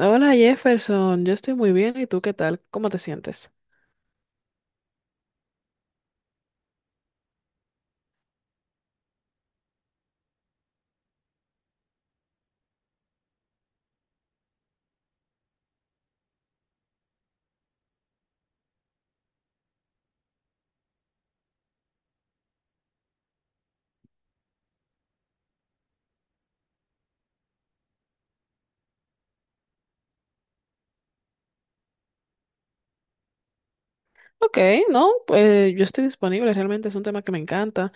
Hola Jefferson, yo estoy muy bien. ¿Y tú qué tal? ¿Cómo te sientes? Ok, no, pues yo estoy disponible. Realmente es un tema que me encanta.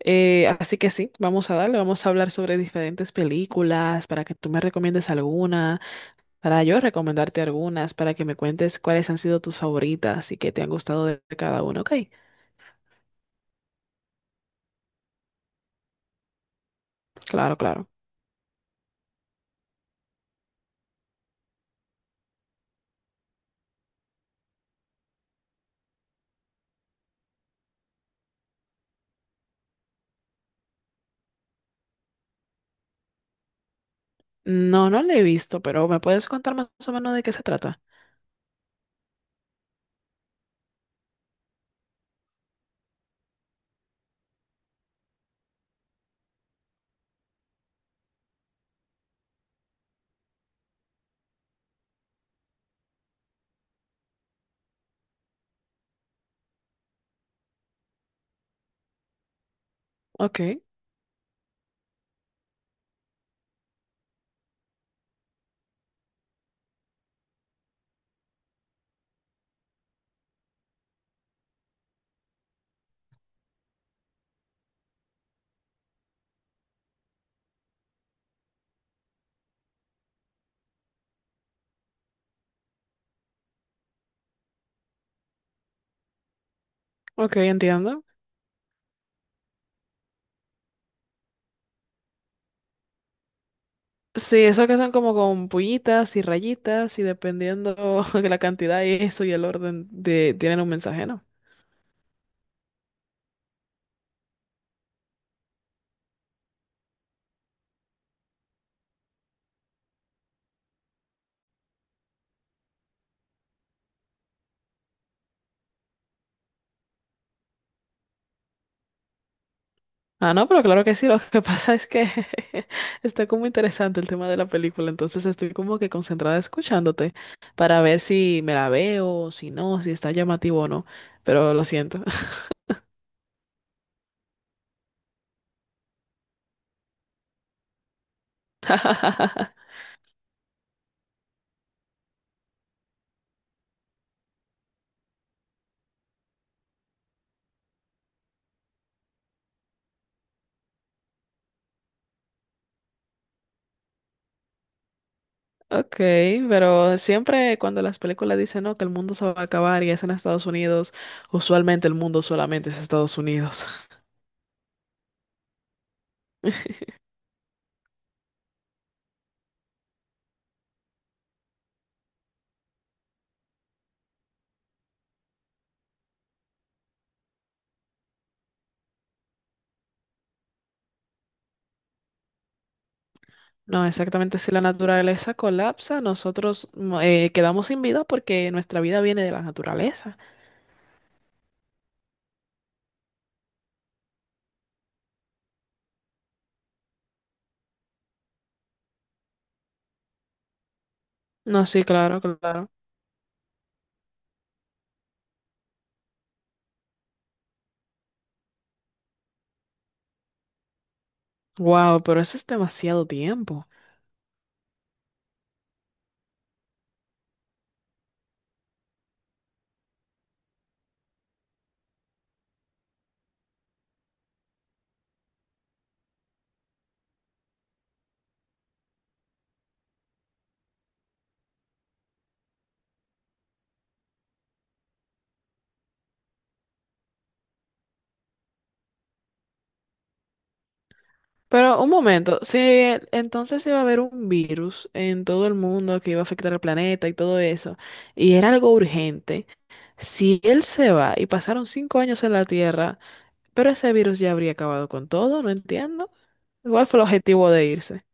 Así que sí, vamos a darle. Vamos a hablar sobre diferentes películas para que tú me recomiendes alguna, para yo recomendarte algunas, para que me cuentes cuáles han sido tus favoritas y qué te han gustado de cada una. Ok, claro, claro. No, no la he visto, pero ¿me puedes contar más o menos de qué se trata? Ok, ok, entiendo. Sí, eso que son como con puñitas y rayitas y dependiendo de la cantidad y eso y el orden de tienen un mensaje, ¿no? Ah, no, pero claro que sí, lo que pasa es que está como interesante el tema de la película, entonces estoy como que concentrada escuchándote para ver si me la veo, si no, si está llamativo o no, pero lo siento. Ok, pero siempre cuando las películas dicen, no, que el mundo se va a acabar y es en Estados Unidos, usualmente el mundo solamente es Estados Unidos. No, exactamente. Si la naturaleza colapsa, nosotros quedamos sin vida porque nuestra vida viene de la naturaleza. No, sí, claro, claro. Wow, pero eso es demasiado tiempo. Pero un momento, si entonces iba a haber un virus en todo el mundo que iba a afectar al planeta y todo eso, y era algo urgente, si él se va y pasaron 5 años en la Tierra, pero ese virus ya habría acabado con todo, no entiendo. ¿Igual fue el objetivo de irse?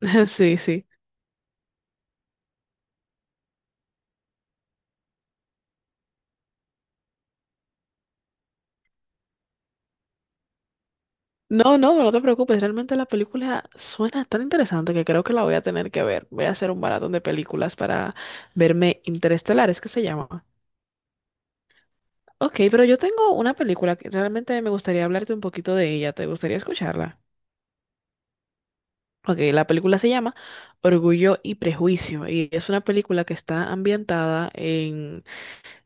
Sí, sí. No, no, no te preocupes. Realmente la película suena tan interesante que creo que la voy a tener que ver. Voy a hacer un maratón de películas para verme Interestelar, es que se llama. Ok, pero yo tengo una película que realmente me gustaría hablarte un poquito de ella. ¿Te gustaría escucharla? Ok, la película se llama Orgullo y Prejuicio y es una película que está ambientada.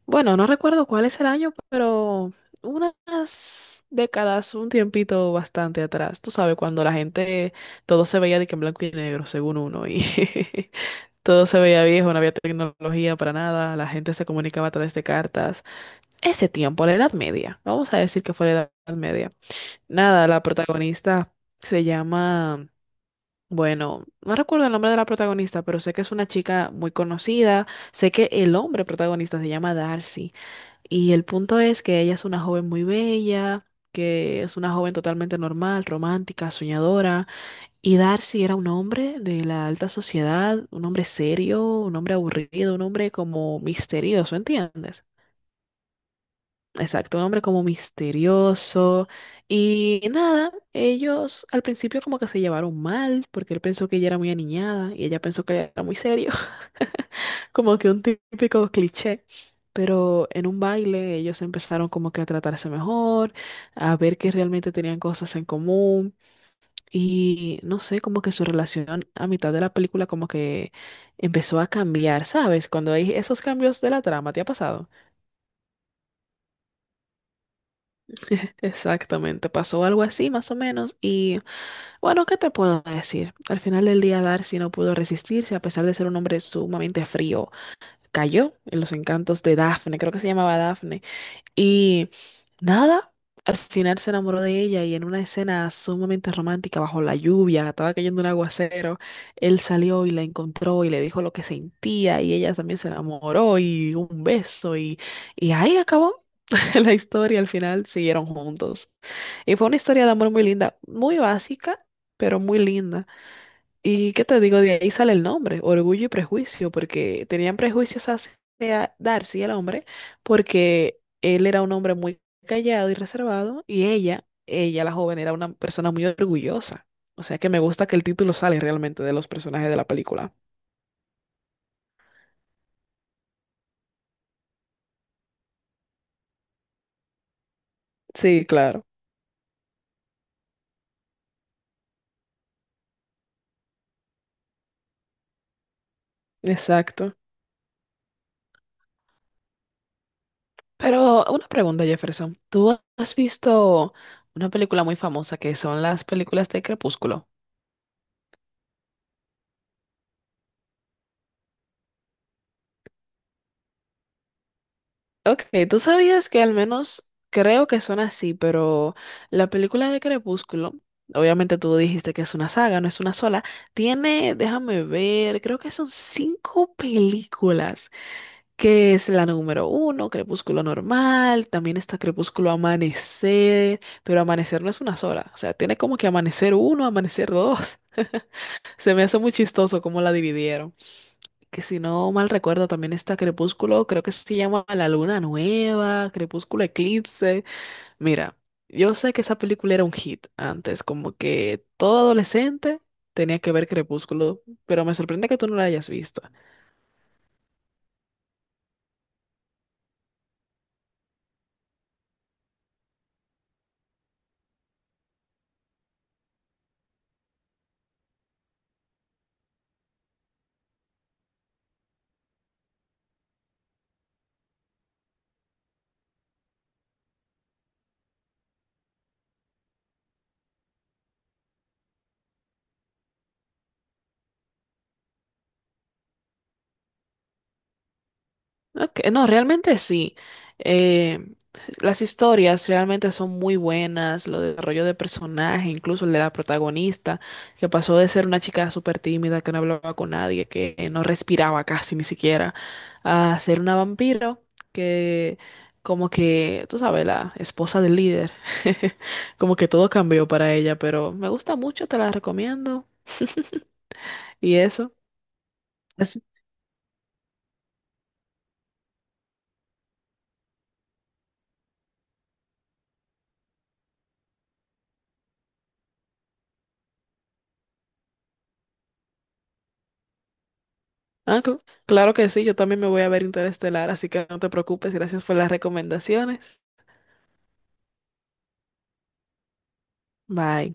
Bueno, no recuerdo cuál es el año, pero unas décadas, un tiempito bastante atrás. Tú sabes, cuando la gente, todo se veía de que en blanco y negro, según uno, y todo se veía viejo, no había tecnología para nada, la gente se comunicaba a través de cartas. Ese tiempo, la Edad Media, vamos a decir que fue la Edad Media. Nada, la protagonista se llama, bueno, no recuerdo el nombre de la protagonista, pero sé que es una chica muy conocida, sé que el hombre protagonista se llama Darcy. Y el punto es que ella es una joven muy bella, que es una joven totalmente normal, romántica, soñadora. Y Darcy era un hombre de la alta sociedad, un hombre serio, un hombre aburrido, un hombre como misterioso, ¿entiendes? Exacto, un hombre como misterioso. Y nada, ellos al principio como que se llevaron mal, porque él pensó que ella era muy aniñada y ella pensó que era muy serio. Como que un típico cliché, pero en un baile ellos empezaron como que a tratarse mejor, a ver que realmente tenían cosas en común y no sé, como que su relación a mitad de la película como que empezó a cambiar, ¿sabes? Cuando hay esos cambios de la trama, ¿te ha pasado? Exactamente, pasó algo así más o menos y bueno, ¿qué te puedo decir? Al final del día Darcy no pudo resistirse a pesar de ser un hombre sumamente frío, cayó en los encantos de Daphne, creo que se llamaba Daphne. Y nada, al final se enamoró de ella y en una escena sumamente romántica bajo la lluvia, estaba cayendo un aguacero, él salió y la encontró y le dijo lo que sentía y ella también se enamoró y un beso y ahí acabó la historia, al final siguieron juntos. Y fue una historia de amor muy linda, muy básica, pero muy linda. Y qué te digo, de ahí sale el nombre, Orgullo y Prejuicio, porque tenían prejuicios hacia Darcy, el hombre, porque él era un hombre muy callado y reservado, y ella la joven, era una persona muy orgullosa. O sea que me gusta que el título sale realmente de los personajes de la película. Sí, claro, exacto. Pero una pregunta, Jefferson, ¿tú has visto una película muy famosa que son las películas de Crepúsculo? Ok, tú sabías que al menos creo que son así, pero la película de Crepúsculo, obviamente tú dijiste que es una saga, no es una sola, tiene, déjame ver, creo que son cinco películas, que es la número uno, Crepúsculo normal, también está Crepúsculo Amanecer, pero Amanecer no es una sola, o sea, tiene como que Amanecer uno, Amanecer dos, se me hace muy chistoso cómo la dividieron que si no mal recuerdo también está Crepúsculo, creo que se llama La Luna Nueva, Crepúsculo Eclipse. Mira, yo sé que esa película era un hit antes, como que todo adolescente tenía que ver Crepúsculo, pero me sorprende que tú no la hayas visto. Ok, no, realmente sí. Eh, las historias realmente son muy buenas, lo del desarrollo de personaje, incluso el de la protagonista, que pasó de ser una chica súper tímida, que no hablaba con nadie, que no respiraba casi ni siquiera, a ser una vampiro, que como que, tú sabes, la esposa del líder, como que todo cambió para ella, pero me gusta mucho, te la recomiendo. Y eso. Ah, claro que sí, yo también me voy a ver Interestelar, así que no te preocupes, gracias por las recomendaciones. Bye.